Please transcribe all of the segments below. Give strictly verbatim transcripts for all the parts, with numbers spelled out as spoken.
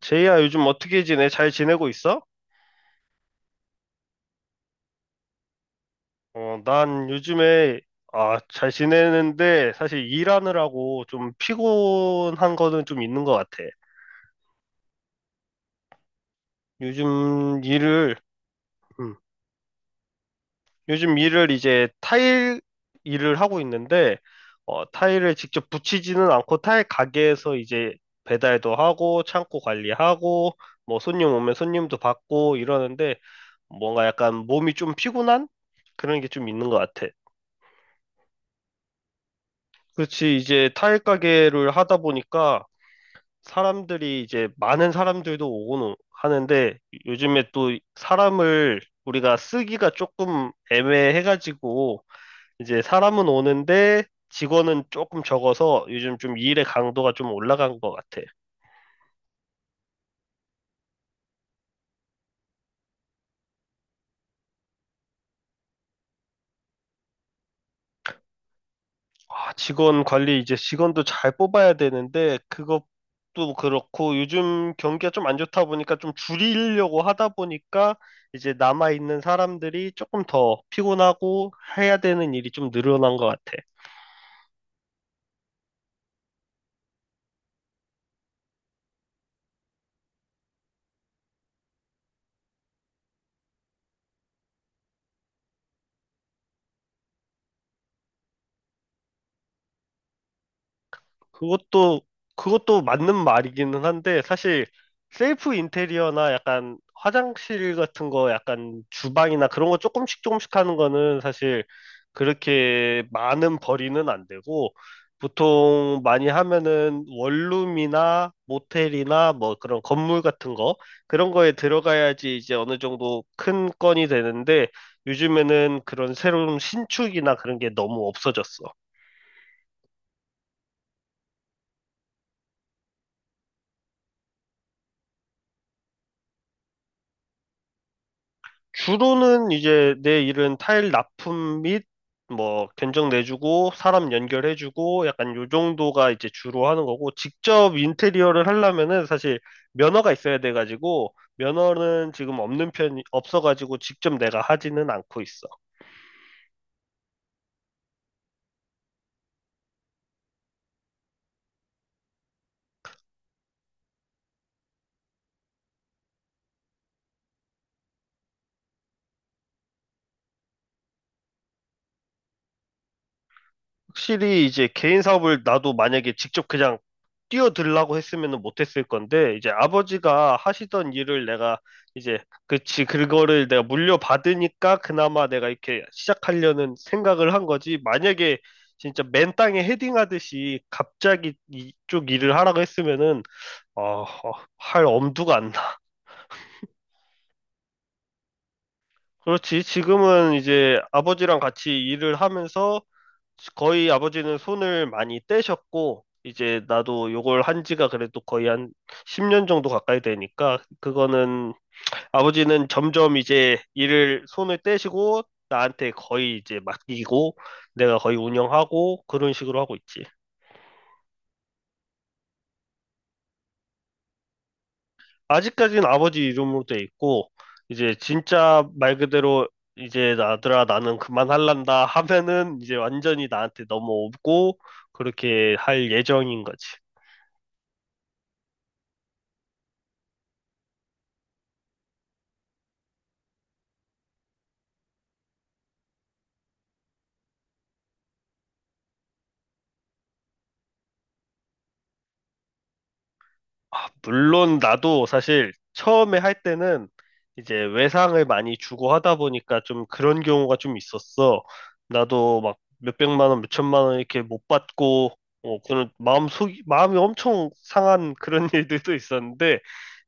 제이야, 요즘 어떻게 지내? 잘 지내고 있어? 어, 난 요즘에, 아, 잘 지내는데, 사실 일하느라고 좀 피곤한 거는 좀 있는 것 같아. 요즘 일을, 음, 요즘 일을 이제 타일 일을 하고 있는데, 어, 타일을 직접 붙이지는 않고 타일 가게에서 이제 배달도 하고, 창고 관리하고, 뭐 손님 오면 손님도 받고 이러는데, 뭔가 약간 몸이 좀 피곤한? 그런 게 좀 있는 것 같아. 그렇지. 이제 타일 가게를 하다 보니까 사람들이 이제 많은 사람들도 오고는 하는데 요즘에 또 사람을 우리가 쓰기가 조금 애매해가지고 이제 사람은 오는데 직원은 조금 적어서 요즘 좀 일의 강도가 좀 올라간 것 같아. 아, 직원 관리 이제 직원도 잘 뽑아야 되는데 그것도 그렇고 요즘 경기가 좀 안 좋다 보니까 좀 줄이려고 하다 보니까 이제 남아 있는 사람들이 조금 더 피곤하고 해야 되는 일이 좀 늘어난 것 같아. 그것도 그것도 맞는 말이기는 한데 사실 셀프 인테리어나 약간 화장실 같은 거 약간 주방이나 그런 거 조금씩 조금씩 하는 거는 사실 그렇게 많은 벌이는 안 되고 보통 많이 하면은 원룸이나 모텔이나 뭐 그런 건물 같은 거 그런 거에 들어가야지 이제 어느 정도 큰 건이 되는데 요즘에는 그런 새로운 신축이나 그런 게 너무 없어졌어. 주로는 이제 내 일은 타일 납품 및 뭐 견적 내주고 사람 연결해주고 약간 요 정도가 이제 주로 하는 거고 직접 인테리어를 하려면은 사실 면허가 있어야 돼가지고 면허는 지금 없는 편이 없어가지고 직접 내가 하지는 않고 있어. 확실히 이제 개인 사업을 나도 만약에 직접 그냥 뛰어들라고 했으면은 못했을 건데 이제 아버지가 하시던 일을 내가 이제 그치 그거를 내가 물려받으니까 그나마 내가 이렇게 시작하려는 생각을 한 거지 만약에 진짜 맨 땅에 헤딩하듯이 갑자기 이쪽 일을 하라고 했으면은 어, 어, 할 엄두가 안 나. 그렇지 지금은 이제 아버지랑 같이 일을 하면서 거의 아버지는 손을 많이 떼셨고, 이제 나도 요걸 한 지가 그래도 거의 한 십 년 정도 가까이 되니까, 그거는 아버지는 점점 이제 일을 손을 떼시고, 나한테 거의 이제 맡기고, 내가 거의 운영하고, 그런 식으로 하고 있지. 아직까지는 아버지 이름으로 돼 있고, 이제 진짜 말 그대로 이제 아들아 나는 그만할란다 하면은 이제 완전히 나한테 넘어오고, 그렇게 할 예정인 거지. 아, 물론 나도 사실 처음에 할 때는 이제 외상을 많이 주고 하다 보니까 좀 그런 경우가 좀 있었어. 나도 막 몇백만 원, 몇천만 원 이렇게 못 받고 어, 그런 마음 속 마음이 엄청 상한 그런 일들도 있었는데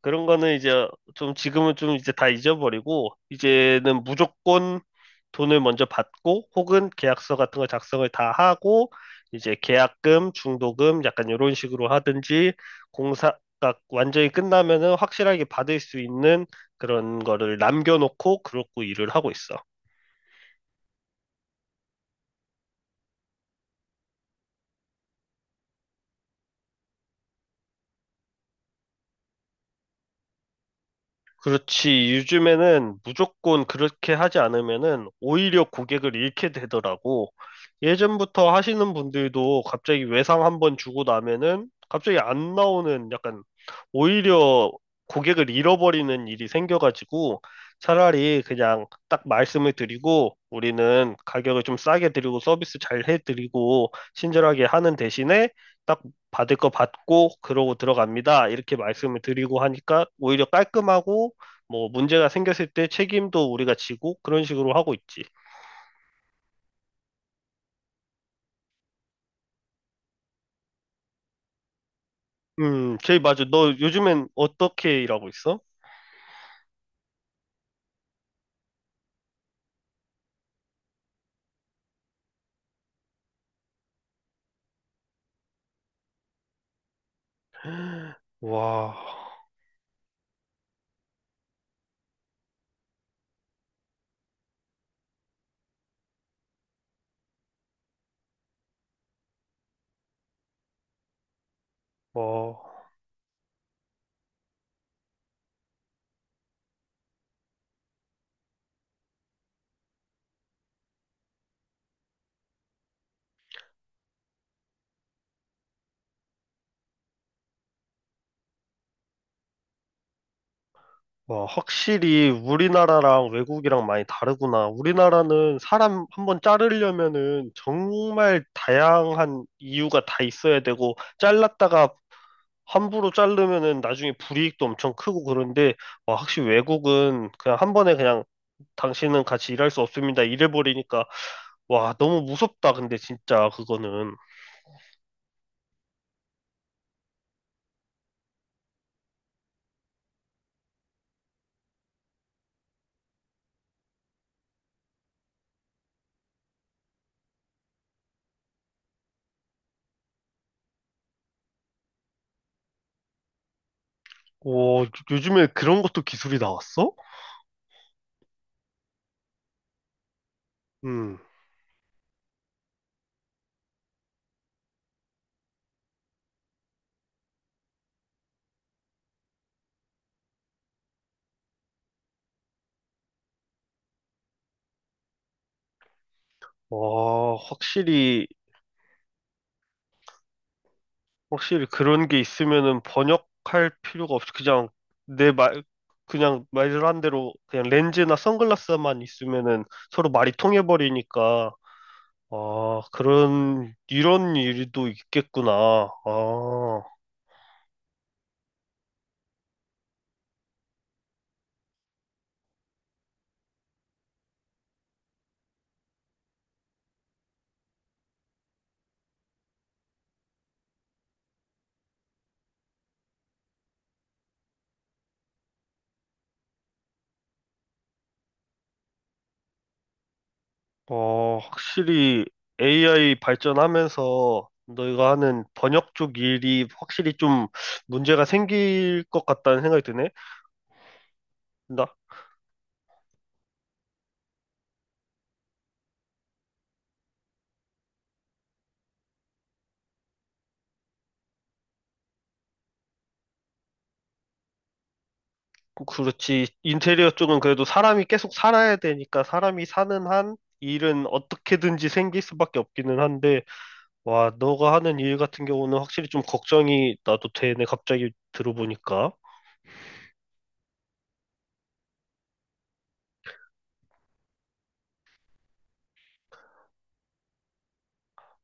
그런 거는 이제 좀 지금은 좀 이제 다 잊어버리고 이제는 무조건 돈을 먼저 받고 혹은 계약서 같은 걸 작성을 다 하고 이제 계약금, 중도금 약간 이런 식으로 하든지 공사가 완전히 끝나면은 확실하게 받을 수 있는 그런 거를 남겨놓고 그러고 일을 하고 있어. 그렇지. 요즘에는 무조건 그렇게 하지 않으면은 오히려 고객을 잃게 되더라고. 예전부터 하시는 분들도 갑자기 외상 한번 주고 나면은 갑자기 안 나오는 약간 오히려 고객을 잃어버리는 일이 생겨가지고 차라리 그냥 딱 말씀을 드리고 우리는 가격을 좀 싸게 드리고 서비스 잘 해드리고 친절하게 하는 대신에 딱 받을 거 받고 그러고 들어갑니다. 이렇게 말씀을 드리고 하니까 오히려 깔끔하고 뭐 문제가 생겼을 때 책임도 우리가 지고 그런 식으로 하고 있지. 음, 제이 맞아. 너 요즘엔 어떻게 일하고 있어? 와, 와, 와, 확실히 우리나라랑 외국이랑 많이 다르구나. 우리나라는 사람 한번 자르려면은 정말 다양한 이유가 다 있어야 되고, 잘랐다가 함부로 자르면은 나중에 불이익도 엄청 크고 그런데, 와, 확실히 외국은 그냥 한 번에 그냥 당신은 같이 일할 수 없습니다. 이래버리니까 와, 너무 무섭다, 근데 진짜 그거는. 오, 요즘에 그런 것도 기술이 나왔어? 음, 와, 확실히, 확실히 그런 게 있으면은 번역할 필요가 없이 그냥 내 말, 그냥 말한 대로 그냥 렌즈나 선글라스만 있으면은 서로 말이 통해버리니까, 아, 그런, 이런 일도 있겠구나. 아. 어, 확실히 에이아이 발전하면서 너희가 하는 번역 쪽 일이 확실히 좀 문제가 생길 것 같다는 생각이 드네. 나, 그렇지. 인테리어 쪽은 그래도 사람이 계속 살아야 되니까 사람이 사는 한 일은 어떻게든지 생길 수밖에 없기는 한데, 와, 너가 하는 일 같은 경우는 확실히 좀 걱정이 나도 되네. 갑자기 들어보니까.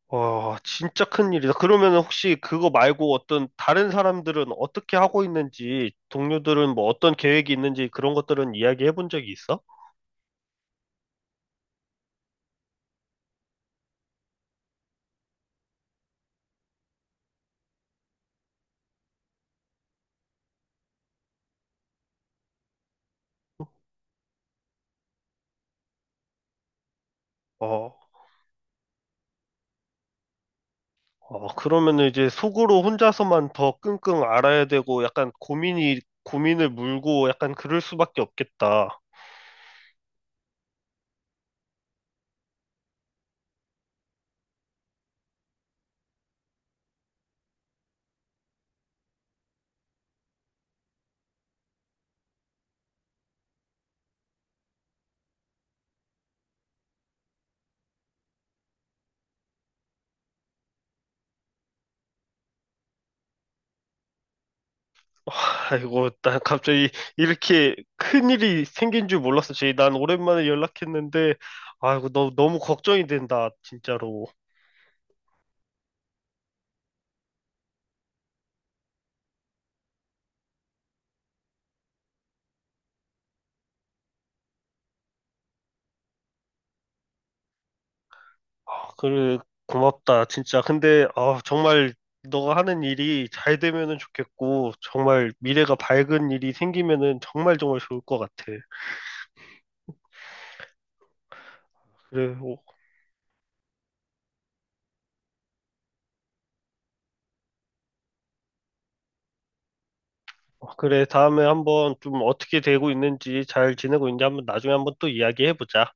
와, 진짜 큰일이다. 그러면 혹시 그거 말고 어떤 다른 사람들은 어떻게 하고 있는지, 동료들은 뭐 어떤 계획이 있는지 그런 것들은 이야기해 본 적이 있어? 어, 어, 그러면 이제 속으로 혼자서만 더 끙끙 앓아야 되고 약간 고민이, 고민을 물고 약간 그럴 수밖에 없겠다. 아이고, 나 갑자기 이렇게 큰일이 생긴 줄 몰랐어, 제이. 난 오랜만에 연락했는데, 아이고, 너, 너무 걱정이 된다, 진짜로. 아, 그래, 고맙다, 진짜. 근데, 아, 정말 너가 하는 일이 잘 되면은 좋겠고, 정말 미래가 밝은 일이 생기면은 정말 정말 좋을 것 같아. 그래, 어, 어, 그래, 다음에 한번 좀 어떻게 되고 있는지, 잘 지내고 있는지 한번 나중에 한번 또 이야기해보자.